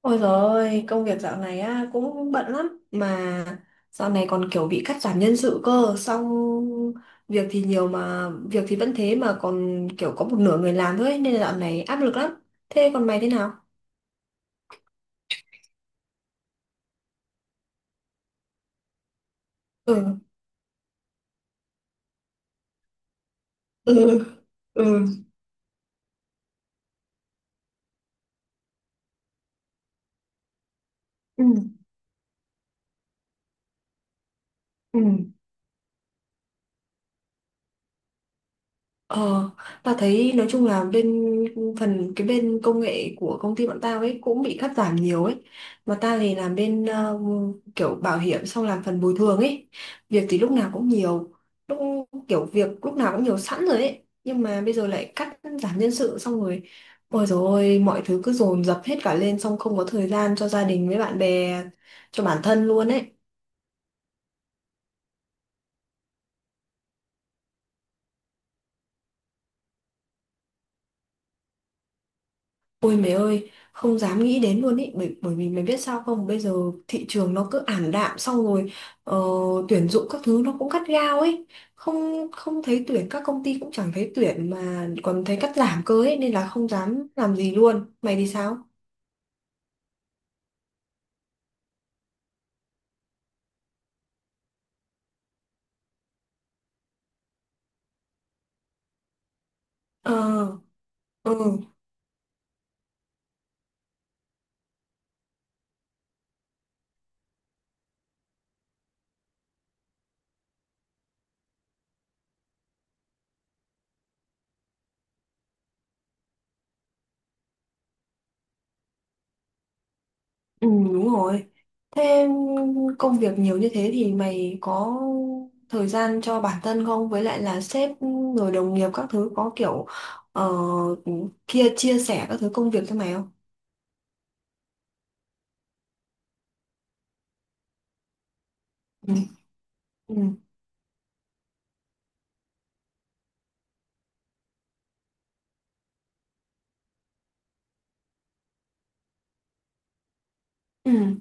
Ôi dồi ôi, công việc dạo này á cũng bận lắm mà dạo này còn kiểu bị cắt giảm nhân sự cơ, xong việc thì nhiều mà việc thì vẫn thế mà còn kiểu có một nửa người làm thôi ấy, nên là dạo này áp lực lắm. Thế còn mày thế nào? Ừ, ừ, ừ, ừ, ừ. Ờ, ta thấy nói chung là bên phần cái bên công nghệ của công ty bọn tao ấy cũng bị cắt giảm nhiều ấy. Mà ta thì làm bên kiểu bảo hiểm xong làm phần bồi thường ấy. Việc thì lúc nào cũng nhiều, lúc kiểu việc lúc nào cũng nhiều sẵn rồi ấy. Nhưng mà bây giờ lại cắt giảm nhân sự xong rồi. Ôi dồi ôi, mọi thứ cứ dồn dập hết cả lên xong không có thời gian cho gia đình với bạn bè, cho bản thân luôn ấy. Ôi mẹ ơi, không dám nghĩ đến luôn ý, bởi vì mày biết sao không, bây giờ thị trường nó cứ ảm đạm xong rồi ờ, tuyển dụng các thứ nó cũng cắt gao ấy, không không thấy tuyển, các công ty cũng chẳng thấy tuyển mà còn thấy cắt giảm cơ ấy, nên là không dám làm gì luôn, mày thì sao? Ờ, ừ. Ừ, đúng rồi. Thế công việc nhiều như thế thì mày có thời gian cho bản thân không? Với lại là sếp rồi đồng nghiệp các thứ có kiểu ờ, kia chia sẻ các thứ công việc cho mày không? Ừ. Ừ. Ừ.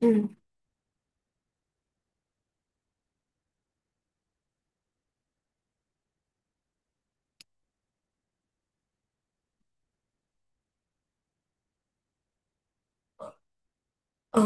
Ừ. Ờ,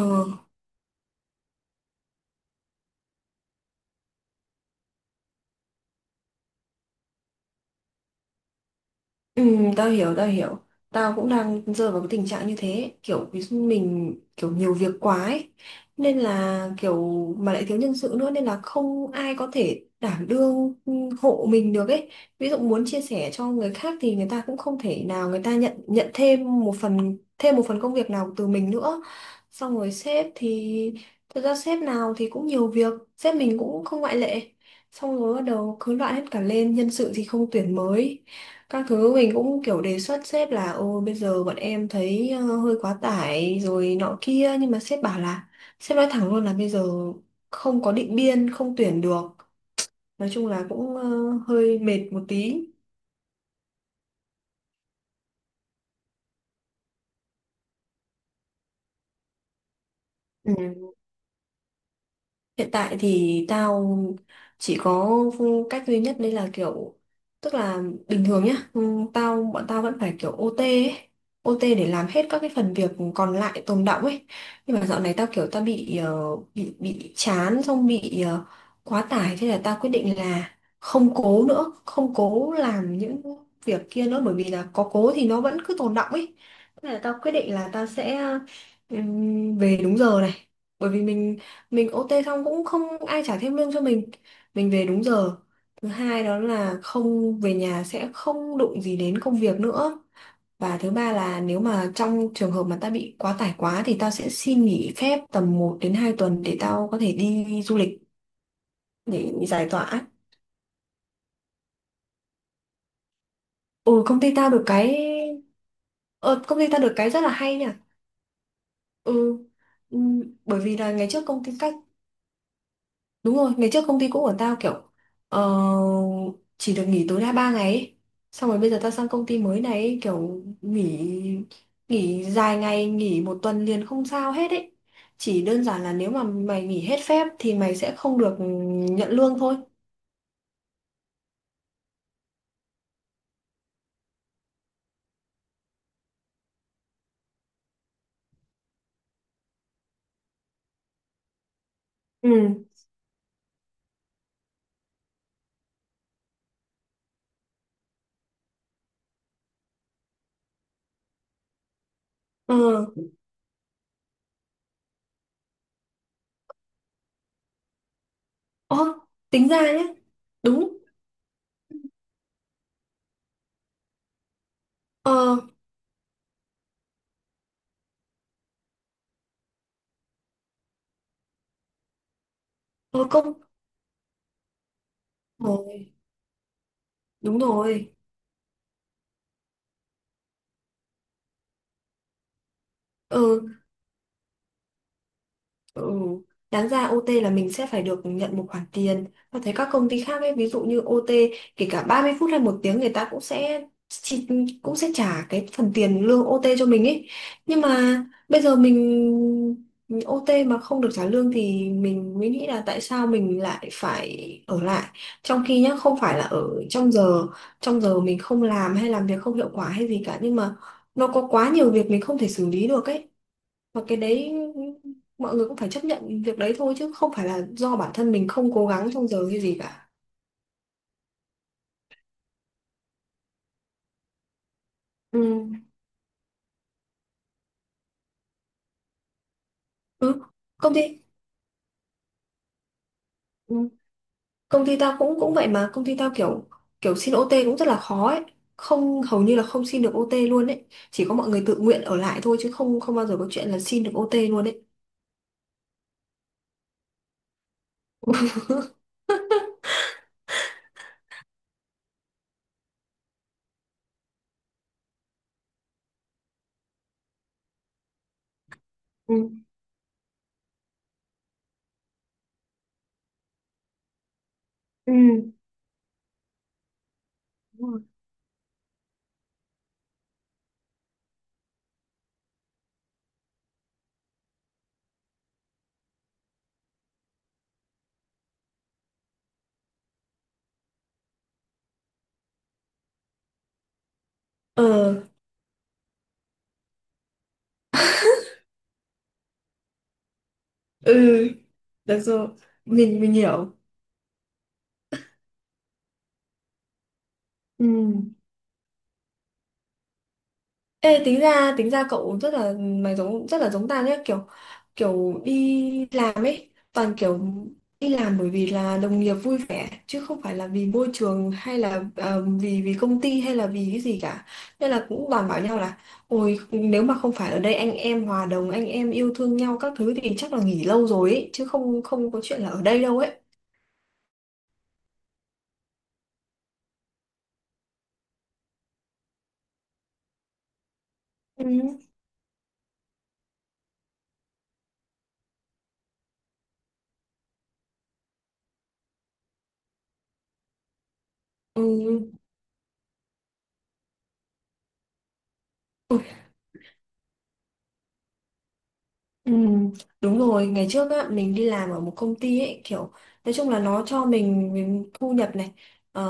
ừ, tao hiểu, tao hiểu. Tao cũng đang rơi vào cái tình trạng như thế. Kiểu ví dụ mình kiểu nhiều việc quá ấy. Nên là kiểu mà lại thiếu nhân sự nữa nên là không ai có thể đảm đương hộ mình được ấy. Ví dụ muốn chia sẻ cho người khác thì người ta cũng không thể nào người ta nhận nhận thêm một phần công việc nào từ mình nữa. Xong rồi sếp thì thật ra sếp nào thì cũng nhiều việc, sếp mình cũng không ngoại lệ. Xong rồi bắt đầu cứ loạn hết cả lên, nhân sự thì không tuyển mới các thứ mình cũng kiểu đề xuất sếp là ô bây giờ bọn em thấy hơi quá tải rồi nọ kia nhưng mà sếp bảo là sếp nói thẳng luôn là bây giờ không có định biên không tuyển được nói chung là cũng hơi mệt một tí. Ừ. Hiện tại thì tao chỉ có cách duy nhất đấy là kiểu tức là bình thường nhá, bọn tao vẫn phải kiểu OT ấy, OT để làm hết các cái phần việc còn lại tồn đọng ấy. Nhưng mà dạo này tao kiểu bị bị chán xong bị quá tải thế là tao quyết định là không cố nữa, không cố làm những việc kia nữa bởi vì là có cố thì nó vẫn cứ tồn đọng ấy. Thế là tao quyết định là tao sẽ về đúng giờ này bởi vì mình OT xong cũng không ai trả thêm lương cho mình. Mình về đúng giờ thứ hai đó là không về nhà sẽ không đụng gì đến công việc nữa và thứ ba là nếu mà trong trường hợp mà ta bị quá tải quá thì tao sẽ xin nghỉ phép tầm 1 đến 2 tuần để tao có thể đi du lịch để giải tỏa. Ừ, công ty tao được cái ờ, công ty tao được cái rất là hay nha. Ừ. Ừ, bởi vì là ngày trước công ty các đúng rồi, ngày trước công ty cũ của tao kiểu ờ, chỉ được nghỉ tối đa 3 ngày ấy. Xong rồi bây giờ tao sang công ty mới này ấy, kiểu nghỉ nghỉ dài ngày, nghỉ 1 tuần liền không sao hết ấy. Chỉ đơn giản là nếu mà mày nghỉ hết phép thì mày sẽ không được nhận lương thôi. Ừ. Ờ, ơ, tính ra nhé. Đúng. Ờ, ờ công. Ờ, đúng rồi. Ờ, ừ. Đáng ra OT là mình sẽ phải được nhận một khoản tiền. Và thấy các công ty khác ấy, ví dụ như OT kể cả 30 phút hay 1 tiếng người ta cũng sẽ cũng sẽ trả cái phần tiền lương OT cho mình ấy. Nhưng mà bây giờ mình OT mà không được trả lương thì mình mới nghĩ là tại sao mình lại phải ở lại. Trong khi nhá, không phải là ở trong giờ mình không làm hay làm việc không hiệu quả hay gì cả nhưng mà nó có quá nhiều việc mình không thể xử lý được ấy và cái đấy mọi người cũng phải chấp nhận việc đấy thôi chứ không phải là do bản thân mình không cố gắng trong giờ hay gì cả. Ừ. ừ. công ty ừ. Công ty tao cũng cũng vậy mà công ty tao kiểu kiểu xin OT cũng rất là khó ấy không hầu như là không xin được OT luôn ấy chỉ có mọi người tự nguyện ở lại thôi chứ không không bao giờ có chuyện là xin được OT luôn ấy. Ừ. Ừ. Đúng rồi. Ờ, ừ, được rồi, mình hiểu. Ừ. Ê, tính ra cậu rất là mày giống rất là giống ta nhé, kiểu kiểu đi làm ấy toàn kiểu đi làm bởi vì là đồng nghiệp vui vẻ chứ không phải là vì môi trường hay là vì vì công ty hay là vì cái gì cả nên là cũng toàn bảo nhau là ôi nếu mà không phải ở đây anh em hòa đồng anh em yêu thương nhau các thứ thì chắc là nghỉ lâu rồi ấy chứ không không có chuyện là ở đây đâu ấy. Ừ. Ừ. Ừ, đúng rồi, ngày trước á, mình đi làm ở một công ty ấy, kiểu nói chung là nó cho mình thu nhập này, ờ,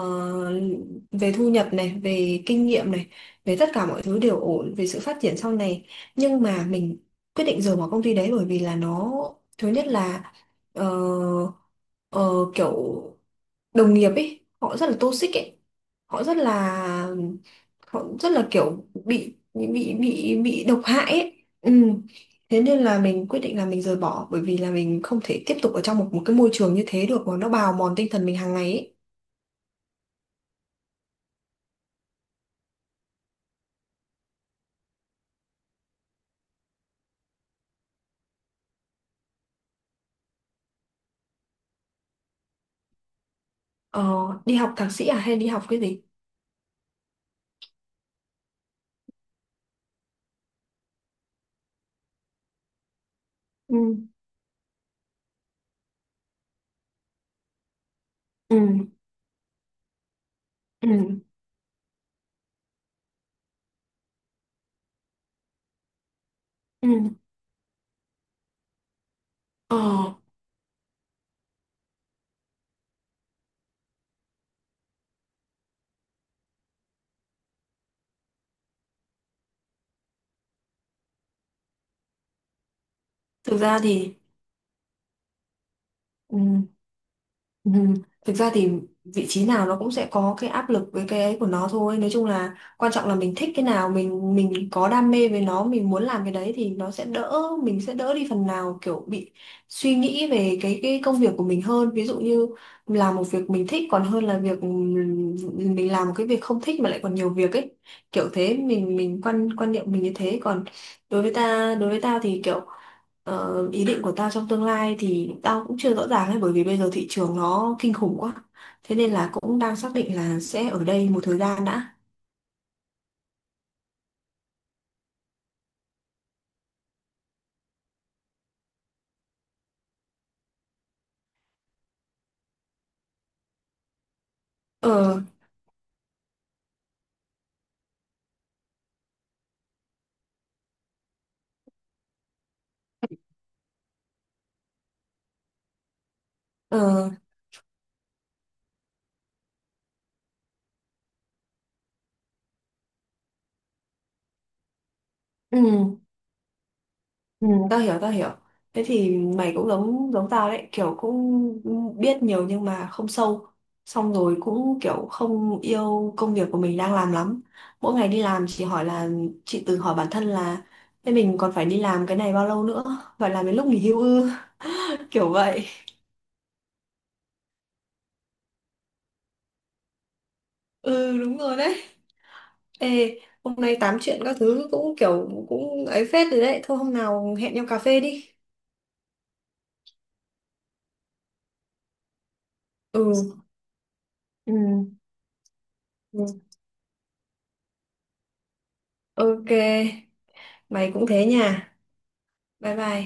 về thu nhập này, về kinh nghiệm này, về tất cả mọi thứ đều ổn, về sự phát triển sau này. Nhưng mà mình quyết định rời bỏ công ty đấy bởi vì là nó, thứ nhất là ờ, ờ, kiểu đồng nghiệp ấy, họ rất là toxic ấy, họ rất là họ rất là kiểu bị độc hại ấy. Ừ. Thế nên là mình quyết định là mình rời bỏ bởi vì là mình không thể tiếp tục ở trong một một cái môi trường như thế được mà nó bào mòn tinh thần mình hàng ngày ấy. Ờ, đi học thạc sĩ à hay đi học cái gì? Ừ. Ừ. Ừ. Ừ. Ờ, thực ra thì. Ừ. Ừ. Thực ra thì vị trí nào nó cũng sẽ có cái áp lực với cái ấy của nó thôi. Nói chung là quan trọng là mình thích cái nào, mình có đam mê với nó, mình muốn làm cái đấy thì nó sẽ đỡ, mình sẽ đỡ đi phần nào kiểu bị suy nghĩ về cái công việc của mình hơn. Ví dụ như làm một việc mình thích còn hơn là việc mình làm một cái việc không thích mà lại còn nhiều việc ấy. Kiểu thế mình quan quan niệm mình như thế còn đối với tao thì kiểu. Ờ, ý định của tao trong tương lai thì tao cũng chưa rõ ràng ấy bởi vì bây giờ thị trường nó kinh khủng quá. Thế nên là cũng đang xác định là sẽ ở đây một thời gian đã. Ờ, ờ, ừ, ừ, tao hiểu, tao hiểu. Thế thì mày cũng giống giống tao đấy, kiểu cũng biết nhiều nhưng mà không sâu. Xong rồi cũng kiểu không yêu công việc của mình đang làm lắm. Mỗi ngày đi làm chỉ hỏi là tự hỏi bản thân là thế mình còn phải đi làm cái này bao lâu nữa? Phải làm đến lúc nghỉ hưu ư? Kiểu vậy. Ừ, đúng rồi đấy. Ê, hôm nay tám chuyện các thứ cũng kiểu cũng ấy phết rồi đấy. Thôi hôm nào hẹn nhau cà phê đi. Ừ. Ừ. Ừ. Ok. Mày cũng thế nha. Bye bye.